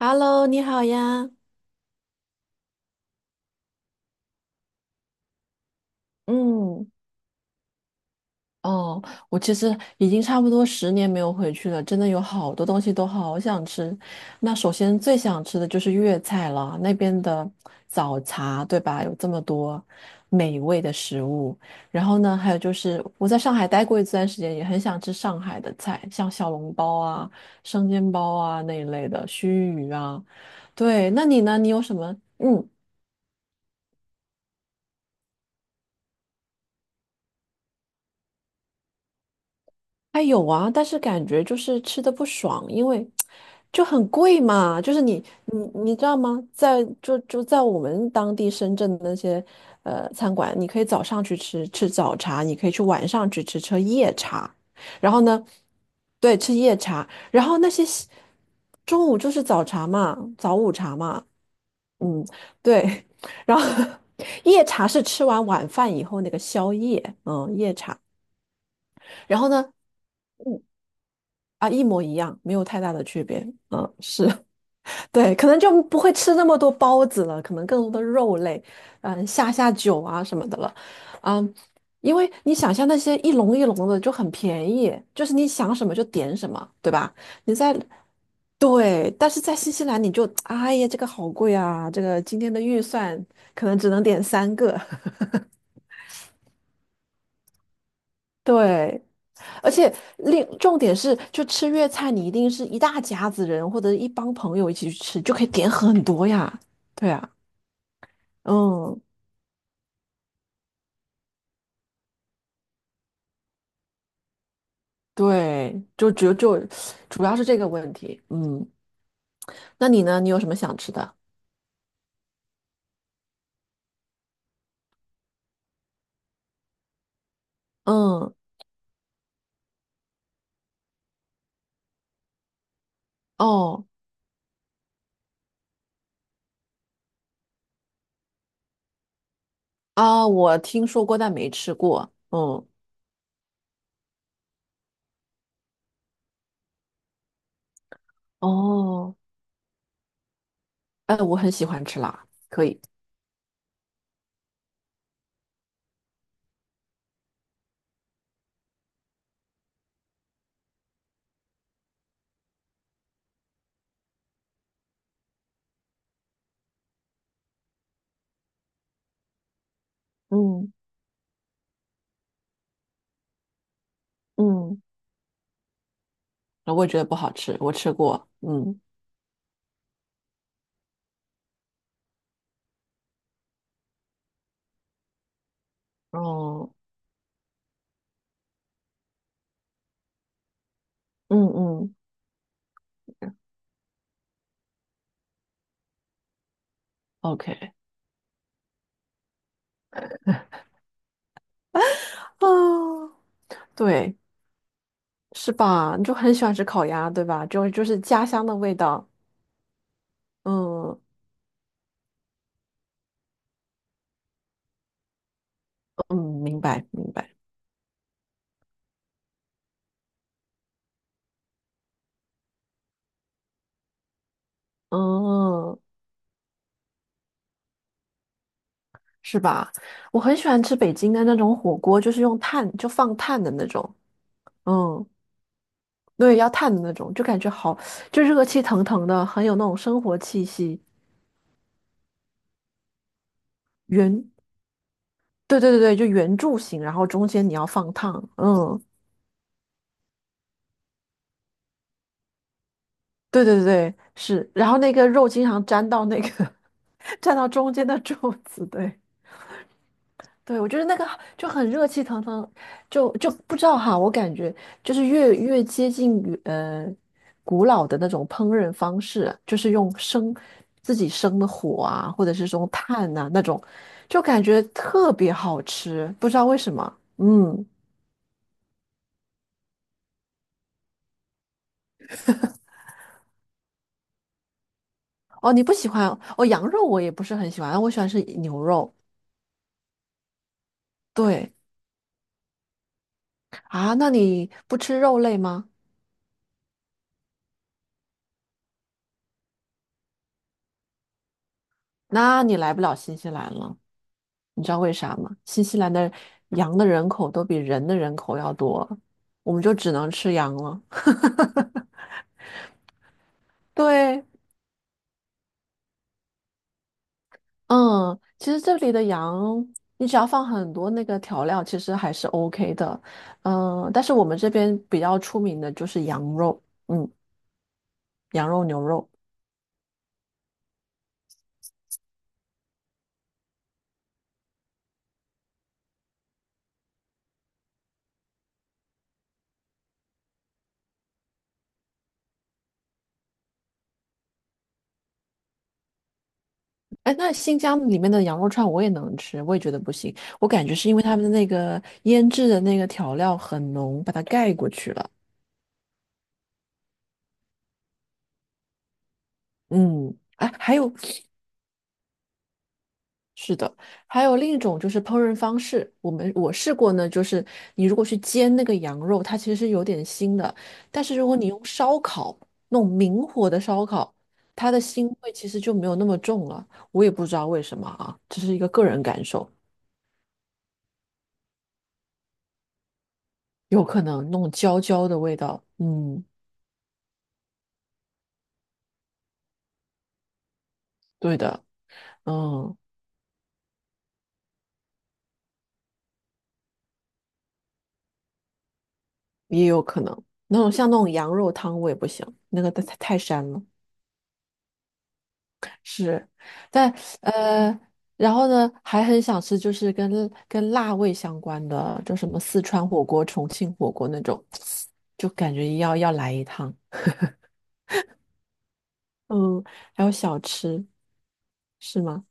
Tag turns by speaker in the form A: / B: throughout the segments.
A: Hello，你好呀。嗯，哦，我其实已经差不多10年没有回去了，真的有好多东西都好想吃。那首先最想吃的就是粤菜了，那边的早茶，对吧？有这么多美味的食物。然后呢，还有就是我在上海待过一段时间，也很想吃上海的菜，像小笼包啊、生煎包啊那一类的，须鱼啊。对，那你呢？你有什么？嗯。还有啊，但是感觉就是吃的不爽，因为就很贵嘛。就是你知道吗？在就就在我们当地深圳的那些餐馆，你可以早上去吃吃早茶，你可以晚上去吃吃夜茶，然后呢，对，吃夜茶，然后那些西中午就是早茶嘛，早午茶嘛，嗯，对，然后夜茶是吃完晚饭以后那个宵夜，夜茶，然后呢？嗯。啊，一模一样，没有太大的区别。嗯，是 对，可能就不会吃那么多包子了，可能更多的肉类，嗯，下酒啊什么的了。嗯，因为你想象那些一笼一笼的就很便宜，就是你想什么就点什么，对吧？你在对，但是在新西兰你就哎呀，这个好贵啊，这个今天的预算可能只能点三个。对，而且另重点是，就吃粤菜，你一定是一大家子人或者一帮朋友一起去吃，就可以点很多呀。对啊，嗯，对，就只有就主要是这个问题。嗯，那你呢？你有什么想吃的？嗯，哦啊，我听说过，但没吃过。嗯，哦，哎，我很喜欢吃辣，可以。嗯嗯，我也觉得不好吃，我吃过。嗯，哦，嗯嗯，OK。啊，对，是吧？你就很喜欢吃烤鸭，对吧？就就是家乡的味道。嗯嗯，明白明白。嗯，是吧？我很喜欢吃北京的那种火锅，就是用炭，就放炭的那种。嗯，对，要炭的那种，就感觉好，就热气腾腾的，很有那种生活气息。圆，对对对对，就圆柱形，然后中间你要放烫。嗯，对对对，是。然后那个肉经常粘到那个 粘到中间的 柱子，对。对，我觉得那个就很热气腾腾，就不知道哈，我感觉就是越接近于古老的那种烹饪方式，就是用自己生的火啊，或者是用炭呐、那种，就感觉特别好吃，不知道为什么。嗯，哦，你不喜欢哦，羊肉我也不是很喜欢，我喜欢吃牛肉。对啊，那你不吃肉类吗？那你来不了新西兰了。你知道为啥吗？新西兰的羊的人口都比人的人口要多，我们就只能吃羊了。对，嗯，其实这里的羊，你只要放很多那个调料，其实还是 OK 的。嗯，但是我们这边比较出名的就是羊肉，嗯，羊肉、牛肉。哎，那新疆里面的羊肉串我也能吃，我也觉得不行。我感觉是因为他们的那个腌制的那个调料很浓，把它盖过去了。嗯，哎，还有另一种就是烹饪方式，我试过呢，就是你如果去煎那个羊肉，它其实是有点腥的，但是如果你用烧烤，那种明火的烧烤，它的腥味其实就没有那么重了。我也不知道为什么啊，这是一个个人感受，有可能那种焦焦的味道，嗯，对的，嗯，也有可能那种羊肉汤我也不行，那个太膻了。是，但呃，然后呢，还很想吃就是跟跟辣味相关的，就什么四川火锅、重庆火锅那种，就感觉要来一趟。嗯，还有小吃是吗？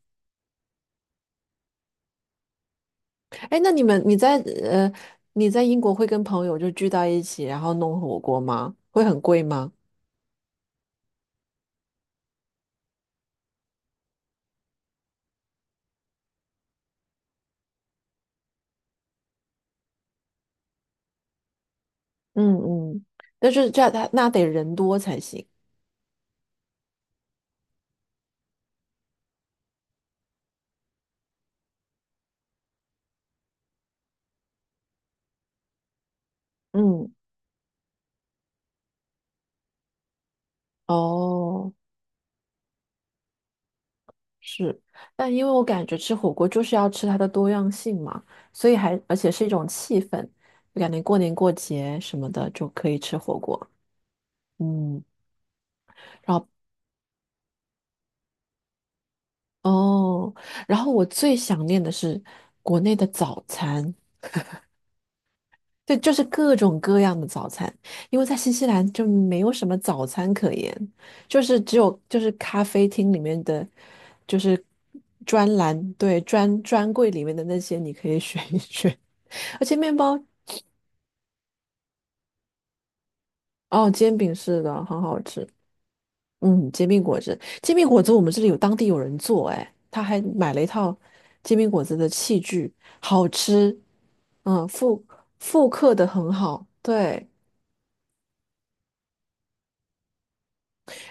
A: 哎，那你们你在呃你在英国会跟朋友就聚到一起，然后弄火锅吗？会很贵吗？嗯嗯，但是这样他那得人多才行。嗯，哦。是，但因为我感觉吃火锅就是要吃它的多样性嘛，所以还而且是一种气氛，就感觉过年过节什么的就可以吃火锅。嗯，然后哦，然后我最想念的是国内的早餐，对，就是各种各样的早餐，因为在新西兰就没有什么早餐可言，就是只有就是咖啡厅里面的，就是对，专柜里面的那些你可以选一选。而且面包哦，煎饼是的，很好吃。嗯，煎饼果子，煎饼果子我们这里有当地有人做，哎，他还买了一套煎饼果子的器具，好吃，嗯，复刻的很好。对，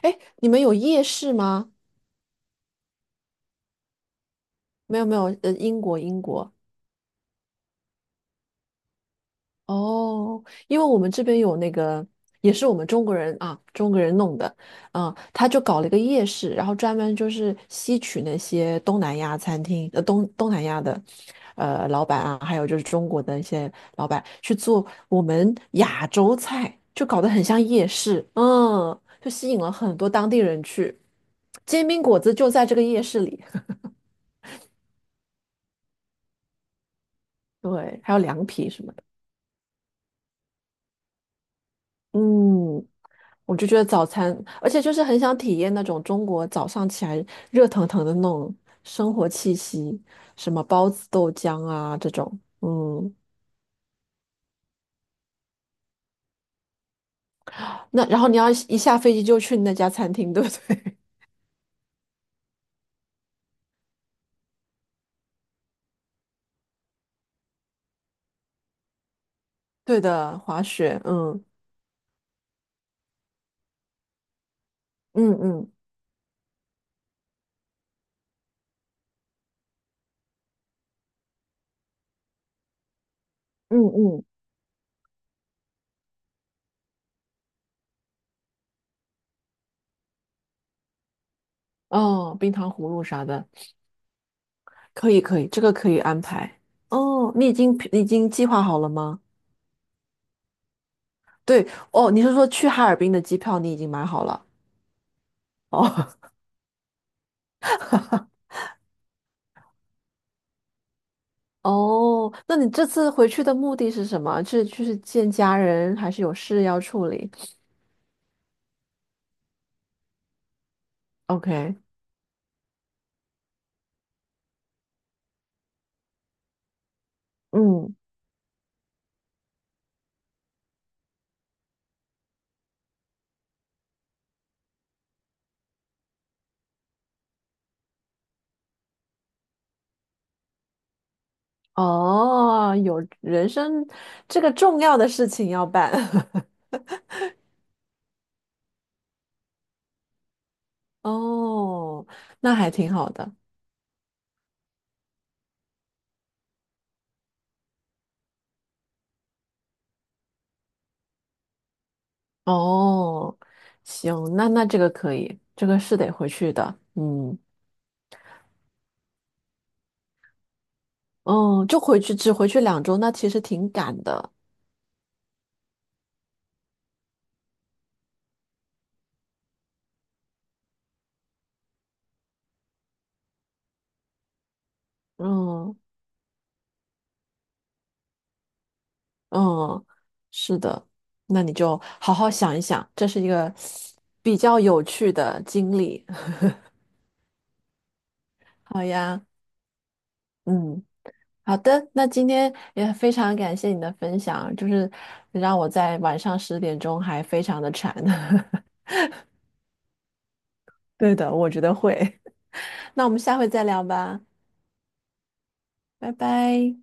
A: 哎，你们有夜市吗？没有没有，英国，哦，因为我们这边有那个，也是我们中国人啊，中国人弄的，嗯，他就搞了一个夜市，然后专门就是吸取那些东南亚餐厅，东南亚的，老板啊，还有就是中国的一些老板去做我们亚洲菜，就搞得很像夜市，嗯，就吸引了很多当地人去，煎饼果子就在这个夜市里，对，还有凉皮什么的，嗯。我就觉得早餐，而且就是很想体验那种中国早上起来热腾腾的那种生活气息，什么包子、豆浆啊这种。嗯，那然后你要一下飞机就去那家餐厅，对不对？对的，滑雪，嗯嗯嗯嗯嗯，哦，冰糖葫芦啥的，可以可以，这个可以安排。哦，你已经计划好了吗？对，哦，你是说去哈尔滨的机票你已经买好了？哦。哦，那你这次回去的目的是什么？是就是见家人，还是有事要处理？OK，嗯，哦，有人生这个重要的事情要办。哦，那还挺好的。哦，行，那这个可以，这个是得回去的。嗯，哦，就回去，只回去2周，那其实挺赶的。嗯。嗯，是的，那你就好好想一想，这是一个比较有趣的经历。好呀，嗯，好的，那今天也非常感谢你的分享，就是让我在晚上10点钟还非常的馋。对的，我觉得会。那我们下回再聊吧，拜拜。